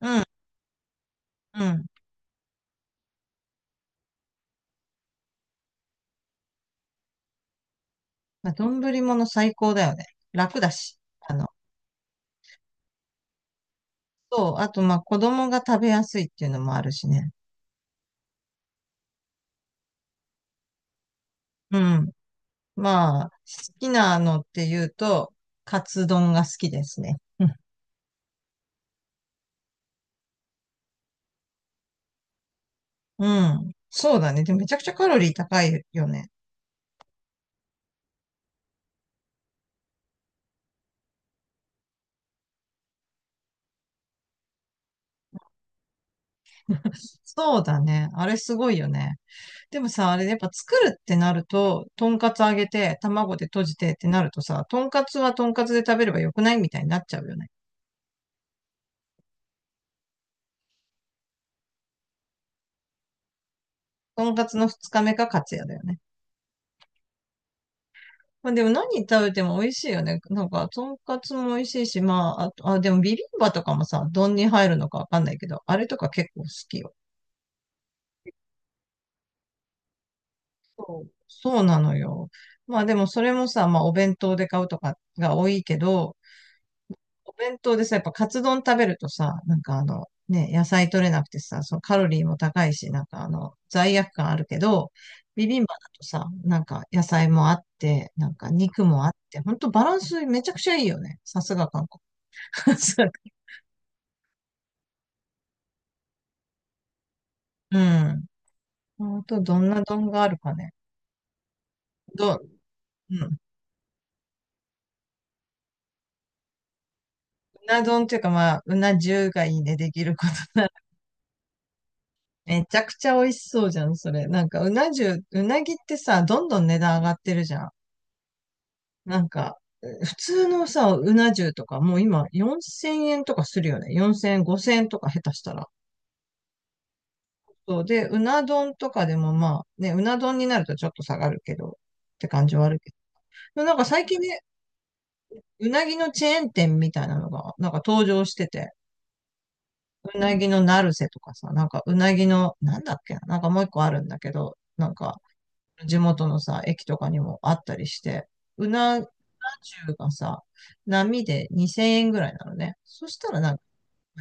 うん、うん。まあ、丼物最高だよね。楽だし。あの、そう。あと、まあ、子供が食べやすいっていうのもあるしね。うん。まあ、好きなのっていうと、カツ丼が好きですね。うん。うん、そうだね。でもめちゃくちゃカロリー高いよね。そうだね。あれすごいよね。でもさ、あれねやっぱ作るってなると、とんかつ揚げて、卵で閉じてってなるとさ、とんかつはとんかつで食べればよくないみたいになっちゃうよね。とんかつの二日目かカツやだよね。まあ、でも何食べても美味しいよね。なんか、とんかつも美味しいし、まあ、あと、あ、でもビビンバとかもさ、丼に入るのかわかんないけど、あれとか結構好きよ。そうそうなのよ。まあでもそれもさ、まあお弁当で買うとかが多いけど、お弁当でさ、やっぱカツ丼食べるとさ、なんかね、野菜取れなくてさ、そのカロリーも高いし、なんか罪悪感あるけど、ビビンバだとさ、なんか野菜もあって、なんか肉もあって、ほんとバランスめちゃくちゃいいよね。さすが韓国。うん。あと、どんな丼があるかね。ど、うん。うな丼っていうか、まあ、うな重がいいね、できること。めちゃくちゃ美味しそうじゃん、それ。なんか、うな重、うなぎってさ、どんどん値段上がってるじゃん。なんか、普通のさ、うな重とか、もう今、4000円とかするよね。4000円、5000円とか下手したら。そう。で、うな丼とかでもまあ、ね、うな丼になるとちょっと下がるけど、って感じはあるけど。でもなんか最近ね、うなぎのチェーン店みたいなのが、なんか登場してて。うなぎのナルセとかさ、なんかうなぎの、なんだっけな、なんかもう一個あるんだけど、なんか地元のさ、駅とかにもあったりして、うな重がさ、波で2000円ぐらいなのね。そしたらなんか、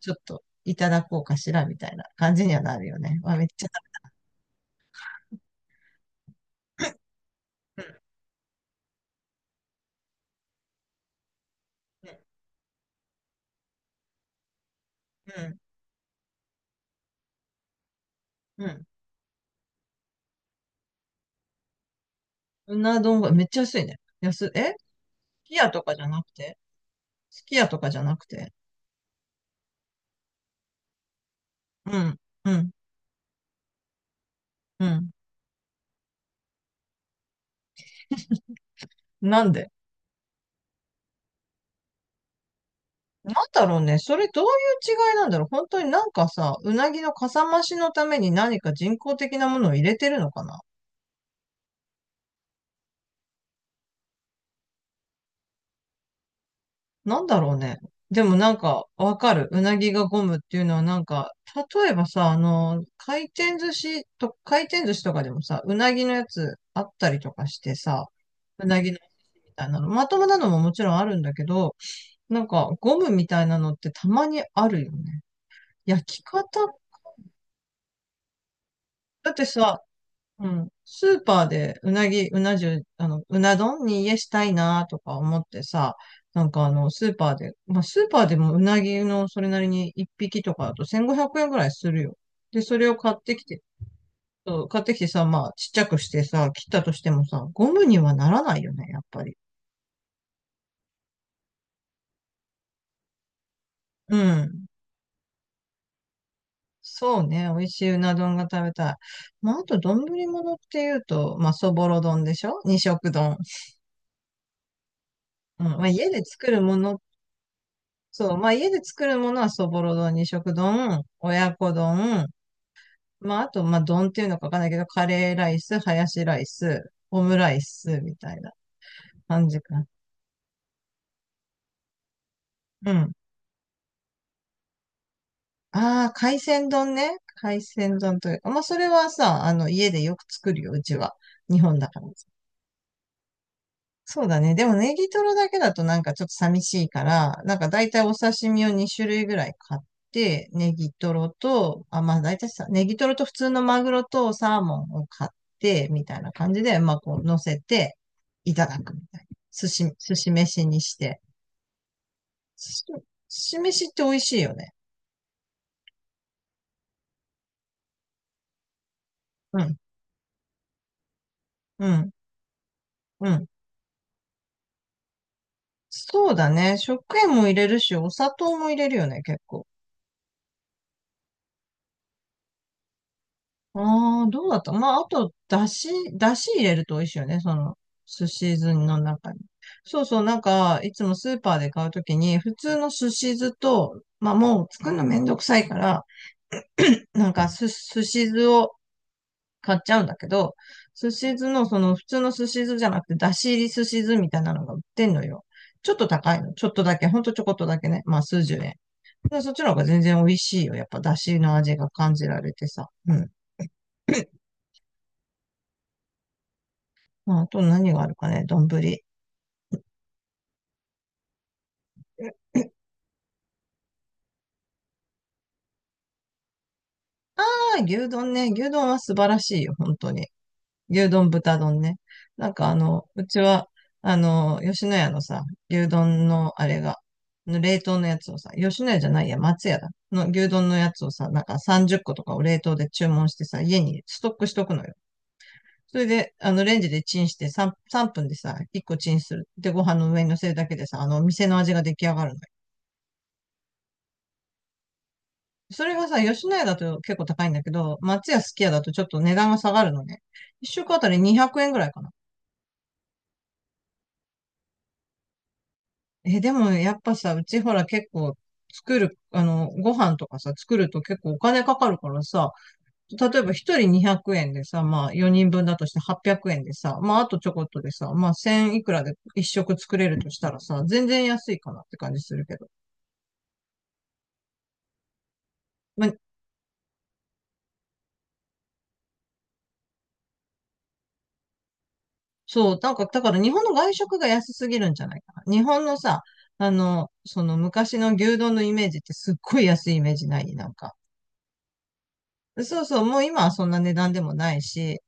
ちょっといただこうかしらみたいな感じにはなるよね。わ、めっちゃ、うん、うん、うん。うん、うな丼がめっちゃ安いね。安い、え、すき家とかじゃなくて、すき家とかじゃなくて、うん、うん、うん。なんで、なんだろうね。それどういう違いなんだろう。本当になんかさ、うなぎのかさ増しのために何か人工的なものを入れてるのかな。なんだろうね。でもなんかわかる。うなぎがゴムっていうのはなんか、例えばさ、回転寿司とかでもさ、うなぎのやつあったりとかしてさ、うなぎのみたいなの。まともなのももちろんあるんだけど、なんかゴムみたいなのってたまにあるよね。焼き方だってさ、うん。スーパーでうなぎ、うな重、うな丼に家したいなとか思ってさ、なんかスーパーで、まあ、スーパーでもうなぎのそれなりに1匹とかだと1500円ぐらいするよ。で、それを買ってきて、そう買ってきてさ、まあ、ちっちゃくしてさ、切ったとしてもさ、ゴムにはならないよね、やっぱり。うん。そうね、美味しいうな丼が食べたい。まあ、あと、丼物っていうと、まあ、そぼろ丼でしょ二色丼。うん。まあ、家で作るものっそう、まあ家で作るものはそぼろ丼、二色丼、親子丼、まああと、まあ丼っていうのかわかんないけど、カレーライス、ハヤシライス、オムライスみたいな感じかな。うん。ああ、海鮮丼ね。海鮮丼というか、まあそれはさ、あの家でよく作るよ、うちは。日本だから。そうだね。でもネギトロだけだとなんかちょっと寂しいから、なんか大体お刺身を2種類ぐらい買って、ネギトロと、あ、まあ大体さ、ネギトロと普通のマグロとサーモンを買って、みたいな感じで、まあこう乗せていただくみたいな。寿司飯にして。寿司飯って美味しいよね。うん、うん、うん。そうだね。食塩も入れるし、お砂糖も入れるよね、結構。ああ、どうだった。まあ、あと、だし入れると美味しいよね、その、寿司酢の中に。そうそう、なんか、いつもスーパーで買うときに、普通の寿司酢と、まあ、もう作るのめんどくさいから、なんか、寿司酢を買っちゃうんだけど、寿司酢の、その、普通の寿司酢じゃなくて、だし入り寿司酢みたいなのが売ってんのよ。ちょっと高いの。ちょっとだけ、ほんとちょこっとだけね。まあ、数十円。でそっちの方が全然美味しいよ。やっぱ、だしの味が感じられてさ。うん。まあ、あと何があるかね、丼。牛丼ね、牛丼は素晴らしいよ、本当に。牛丼、豚丼ね。なんかうちは、吉野家のさ、牛丼のあれが、冷凍のやつをさ、吉野家じゃないや、松屋だ。の牛丼のやつをさ、なんか30個とかを冷凍で注文してさ、家にストックしとくのよ。それで、レンジでチンして3分でさ、1個チンする。で、ご飯の上に乗せるだけでさ、店の味が出来上がるのよ。それがさ、吉野家だと結構高いんだけど、松屋すき家だとちょっと値段が下がるのね。一食あたり200円ぐらいかな。え、でもやっぱさ、うちほら結構作る、あの、ご飯とかさ、作ると結構お金かかるからさ、例えば一人200円でさ、まあ4人分だとして800円でさ、まああとちょこっとでさ、まあ1000いくらで一食作れるとしたらさ、全然安いかなって感じするけど。まあそう、なんか、だから日本の外食が安すぎるんじゃないかな。日本のさ、その昔の牛丼のイメージってすっごい安いイメージないなんか。そうそう、もう今はそんな値段でもないし、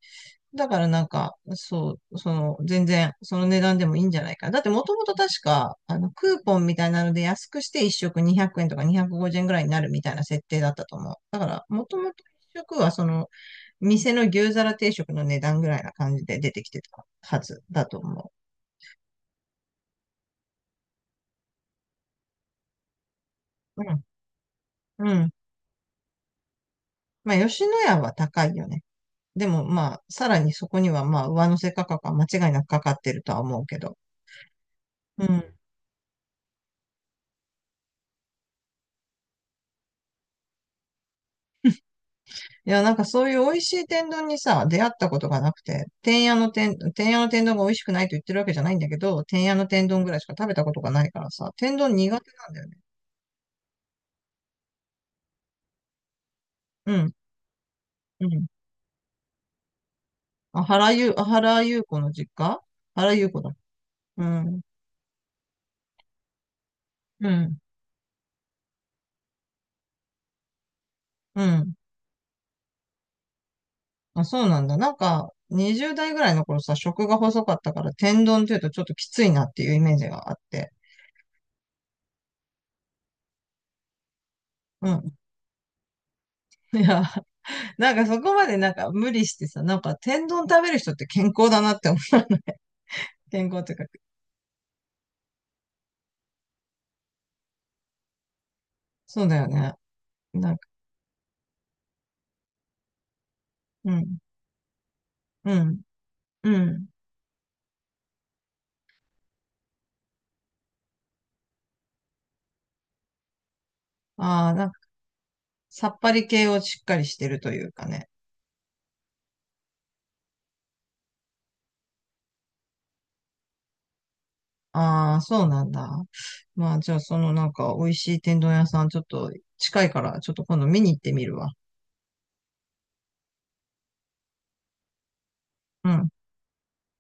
だからなんか、そう、全然、その値段でもいいんじゃないかな。だってもともと確か、クーポンみたいなので安くして1食200円とか250円ぐらいになるみたいな設定だったと思う。だから、もともと1食は店の牛皿定食の値段ぐらいな感じで出てきてたはずだと思う。うん。まあ、吉野家は高いよね。でも、まあ、さらにそこには、まあ、上乗せ価格は間違いなくかかってるとは思うけど。うん。いや、なんかそういう美味しい天丼にさ、出会ったことがなくて、天屋の天丼が美味しくないと言ってるわけじゃないんだけど、天屋の天丼ぐらいしか食べたことがないからさ、天丼苦手なんだよね。うん。うん。あ、原ゆう子の実家。原ゆう子だ。うん。うん。うん。あ、そうなんだ。なんか、20代ぐらいの頃さ、食が細かったから、天丼っていうとちょっときついなっていうイメージがあって。うん。いや、なんかそこまでなんか無理してさ、なんか天丼食べる人って健康だなって思う。健康っていうか、そうだよね。なんか、うん、うん、うん。ああ、なんか、さっぱり系をしっかりしてるというかね。ああ、そうなんだ。まあ、じゃあ、そのなんか、美味しい天丼屋さん、ちょっと近いから、ちょっと今度見に行ってみるわ。うん、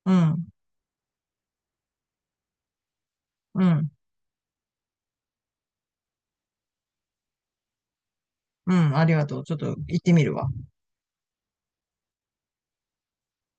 うん、うん。うん、ありがとう。ちょっと行ってみるわ。